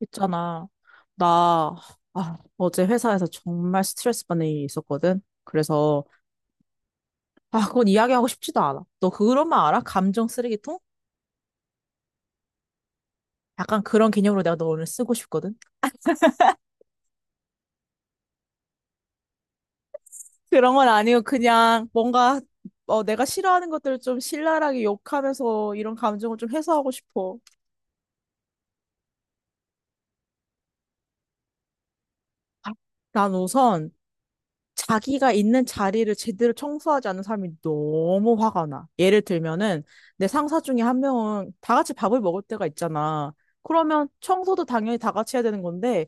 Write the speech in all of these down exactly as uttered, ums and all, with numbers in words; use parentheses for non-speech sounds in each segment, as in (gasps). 있잖아. 나, 아, 어제 회사에서 정말 스트레스 받는 일이 있었거든. 그래서, 아, 그건 이야기하고 싶지도 않아. 너 그런 말 알아? 감정 쓰레기통? 약간 그런 개념으로 내가 너 오늘 쓰고 싶거든. 그런 건 아니고, 그냥 뭔가, 어, 내가 싫어하는 것들을 좀 신랄하게 욕하면서 이런 감정을 좀 해소하고 싶어. 아, 난 우선, 자기가 있는 자리를 제대로 청소하지 않는 사람이 너무 화가 나. 예를 들면은 내 상사 중에 한 명은 다 같이 밥을 먹을 때가 있잖아. 그러면 청소도 당연히 다 같이 해야 되는 건데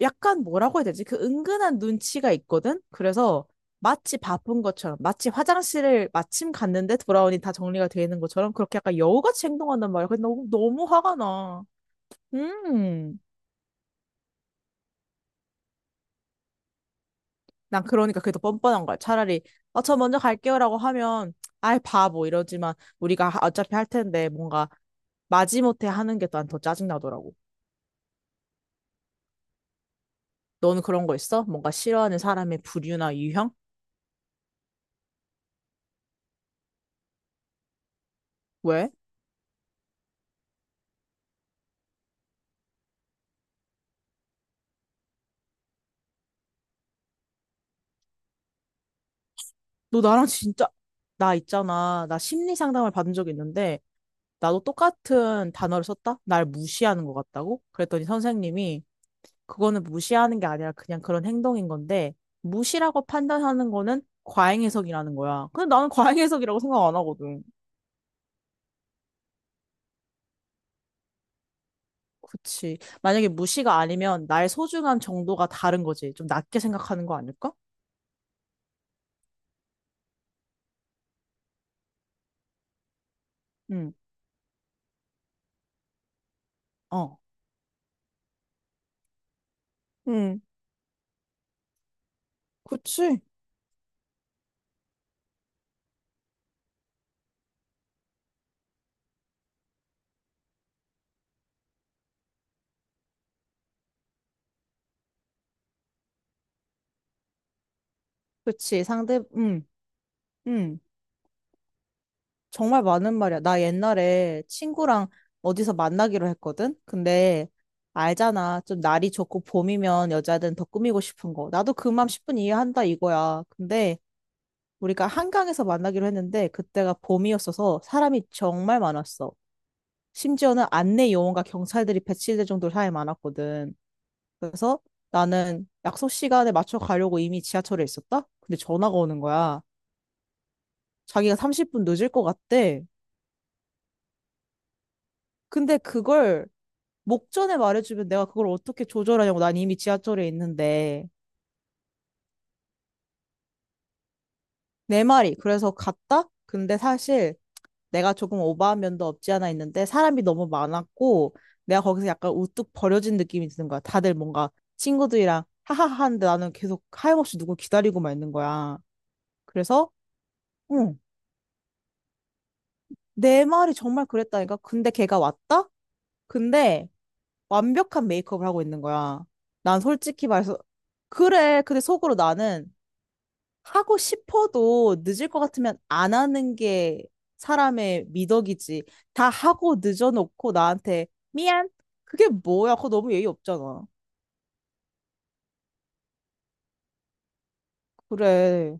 약간 뭐라고 해야 되지? 그 은근한 눈치가 있거든? 그래서 마치 바쁜 것처럼, 마치 화장실을 마침 갔는데 돌아오니 다 정리가 되어 있는 것처럼 그렇게 약간 여우같이 행동한단 말이야. 근데 너무, 너무 화가 나. 음. 난 그러니까 그게 더 뻔뻔한 거야. 차라리, 어, 저 먼저 갈게요라고 하면, 아이, 바보, 이러지만, 우리가 하- 어차피 할 텐데, 뭔가, 마지못해 하는 게 난 더 짜증나더라고. 너는 그런 거 있어? 뭔가 싫어하는 사람의 부류나 유형? 왜? 너 나랑 진짜, 나 있잖아. 나 심리 상담을 받은 적이 있는데, 나도 똑같은 단어를 썼다? 날 무시하는 것 같다고? 그랬더니 선생님이, 그거는 무시하는 게 아니라 그냥 그런 행동인 건데, 무시라고 판단하는 거는 과잉해석이라는 거야. 근데 나는 과잉해석이라고 생각 안 하거든. 그치. 만약에 무시가 아니면 나의 소중한 정도가 다른 거지. 좀 낮게 생각하는 거 아닐까? 응, 어. 응, 그치. 그치. 상대, 응, 응. 정말 많은 말이야. 나 옛날에 친구랑 어디서 만나기로 했거든? 근데 알잖아. 좀 날이 좋고 봄이면 여자들은 더 꾸미고 싶은 거. 나도 그 마음 십 분 이해한다 이거야. 근데 우리가 한강에서 만나기로 했는데 그때가 봄이었어서 사람이 정말 많았어. 심지어는 안내 요원과 경찰들이 배치될 정도로 사람이 많았거든. 그래서 나는 약속 시간에 맞춰 가려고 이미 지하철에 있었다? 근데 전화가 오는 거야. 자기가 삼십 분 늦을 것 같대. 근데 그걸 목전에 말해주면 내가 그걸 어떻게 조절하냐고. 난 이미 지하철에 있는데. 내 말이. 그래서 갔다? 근데 사실 내가 조금 오버한 면도 없지 않아 있는데 사람이 너무 많았고 내가 거기서 약간 우뚝 버려진 느낌이 드는 거야. 다들 뭔가 친구들이랑 하하하 하는데 나는 계속 하염없이 누굴 기다리고만 있는 거야. 그래서 응, 내 말이 정말 그랬다니까. 근데 걔가 왔다? 근데 완벽한 메이크업을 하고 있는 거야. 난 솔직히 말해서 그래. 근데 속으로 나는 하고 싶어도 늦을 것 같으면 안 하는 게 사람의 미덕이지. 다 하고 늦어놓고 나한테 미안. 그게 뭐야? 그거 너무 예의 없잖아. 그래.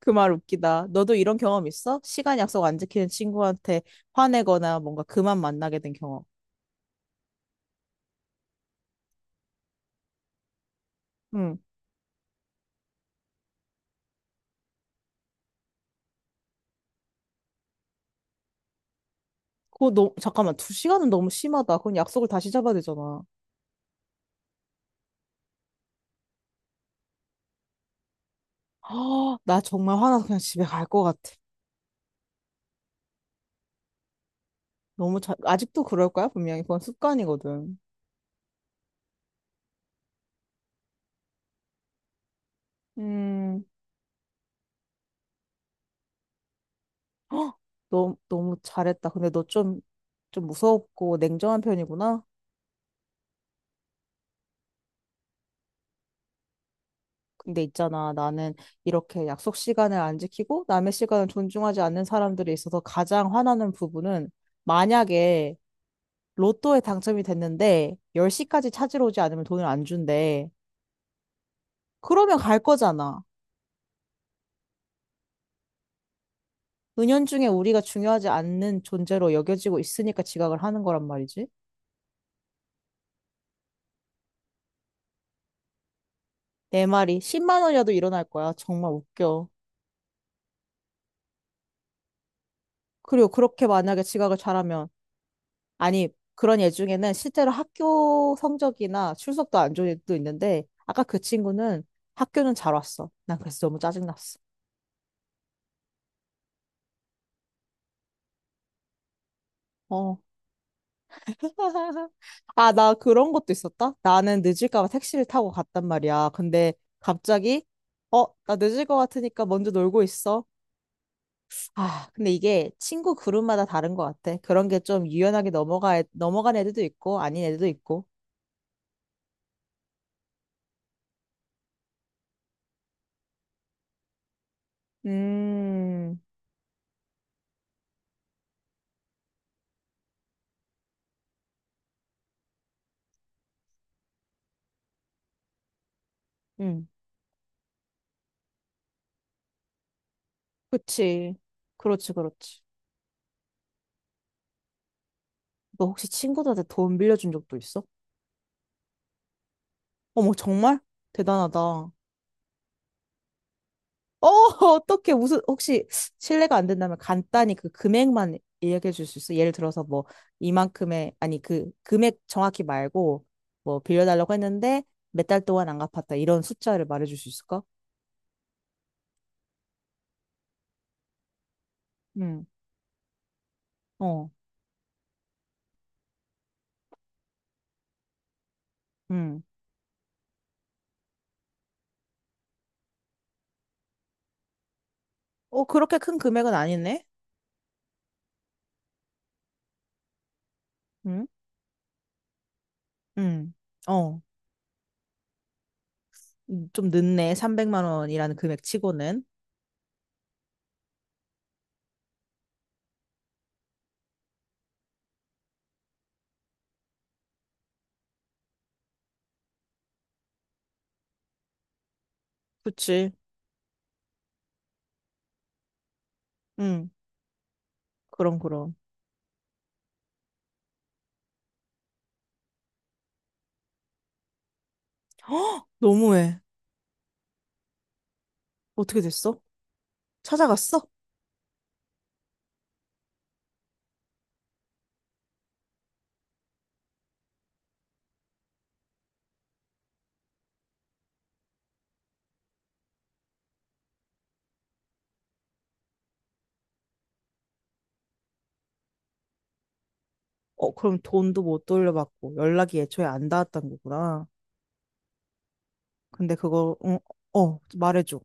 그 말 웃기다. 너도 이런 경험 있어? 시간 약속 안 지키는 친구한테 화내거나 뭔가 그만 만나게 된 경험. 응. 그거 너 잠깐만. 두 시간은 너무 심하다. 그건 약속을 다시 잡아야 되잖아. (gasps) 아, 나 정말 화나서 그냥 집에 갈 것 같아. 너무 자, 아직도 그럴 거야? 분명히 그건 습관이거든. 음. 헉, 너무, 너무 잘했다. 근데 너 좀, 좀 무섭고 냉정한 편이구나. 근데 있잖아. 나는 이렇게 약속 시간을 안 지키고 남의 시간을 존중하지 않는 사람들이 있어서 가장 화나는 부분은 만약에 로또에 당첨이 됐는데 열 시까지 찾으러 오지 않으면 돈을 안 준대. 그러면 갈 거잖아. 은연중에 우리가 중요하지 않는 존재로 여겨지고 있으니까 지각을 하는 거란 말이지. 내 말이 십만 원이라도 일어날 거야. 정말 웃겨. 그리고 그렇게 만약에 지각을 잘하면 아니, 그런 애 중에는 실제로 학교 성적이나 출석도 안 좋은 애도 있는데, 아까 그 친구는 학교는 잘 왔어. 난 그래서 너무 짜증났어. 어. (laughs) 아, 나 그런 것도 있었다? 나는 늦을까 봐 택시를 타고 갔단 말이야. 근데 갑자기, 어, 나 늦을 것 같으니까 먼저 놀고 있어. 아, 근데 이게 친구 그룹마다 다른 것 같아. 그런 게 좀 유연하게 넘어가, 넘어간 애들도 있고, 아닌 애들도 있고. 음, 음, 그치. 그렇지, 그렇지. 너 혹시 친구들한테 돈 빌려준 적도 있어? 어머, 정말? 대단하다. 어, (laughs) 어떻게 무슨 혹시 실례가 안 된다면 간단히 그 금액만 이야기해 줄 수 있어? 예를 들어서 뭐 이만큼의 아니 그 금액 정확히 말고 뭐 빌려달라고 했는데 몇 달 동안 안 갚았다 이런 숫자를 말해 줄 수 있을까? 응. 어. 응. 어, 그렇게 큰 금액은 아니네. 응? 응. 어. 음, 좀 늦네. 삼백만 원이라는 금액 치고는. 그치. 응. 그럼 그럼. 너무해. 어떻게 됐어? 찾아갔어? 어, 그럼 돈도 못 돌려받고 연락이 애초에 안 닿았던 거구나. 근데 그거, 응, 어, 어, 말해줘.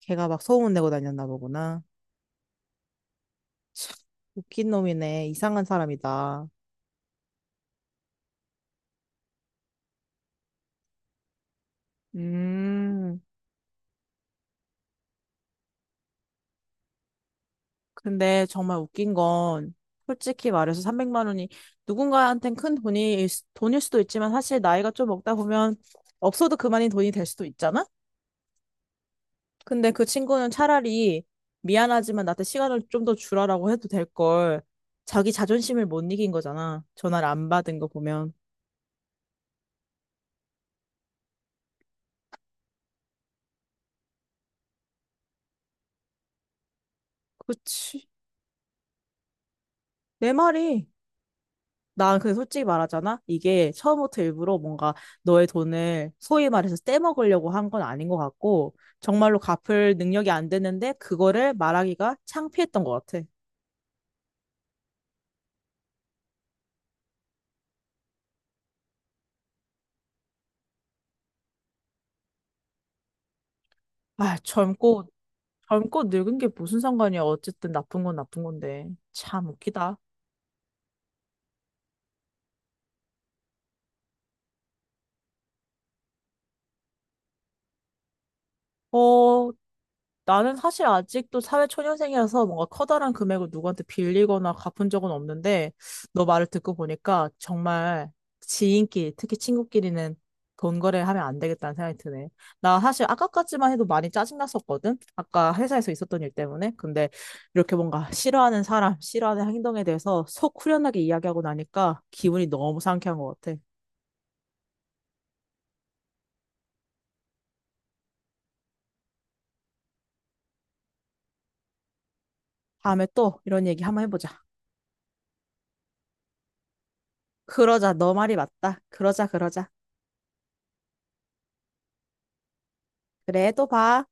걔가 막 소문 내고 다녔나 보구나. 참, 웃긴 놈이네. 이상한 사람이다. 음, 근데 정말 웃긴 건 솔직히 말해서 삼백만 원이 누군가한텐 큰 돈이 돈일 수도 있지만 사실 나이가 좀 먹다 보면 없어도 그만인 돈이 될 수도 있잖아. 근데 그 친구는 차라리 미안하지만 나한테 시간을 좀 더 주라라고 해도 될 걸. 자기 자존심을 못 이긴 거잖아. 전화를 안 받은 거 보면. 그치. 내 말이. 난 근데 솔직히 말하잖아. 이게 처음부터 일부러 뭔가 너의 돈을 소위 말해서 떼먹으려고 한 건 아닌 것 같고, 정말로 갚을 능력이 안 됐는데, 그거를 말하기가 창피했던 것 같아. 아, 젊고, 젊고 늙은 게 무슨 상관이야. 어쨌든 나쁜 건 나쁜 건데. 참 웃기다. 어, 나는 사실 아직도 사회초년생이라서 뭔가 커다란 금액을 누구한테 빌리거나 갚은 적은 없는데, 너 말을 듣고 보니까 정말 지인끼리, 특히 친구끼리는 돈 거래하면 안 되겠다는 생각이 드네. 나 사실 아까까지만 해도 많이 짜증났었거든? 아까 회사에서 있었던 일 때문에. 근데 이렇게 뭔가 싫어하는 사람, 싫어하는 행동에 대해서 속 후련하게 이야기하고 나니까 기분이 너무 상쾌한 것 같아. 다음에 또 이런 얘기 한번 해보자. 그러자, 너 말이 맞다. 그러자, 그러자. 그래, 또 봐.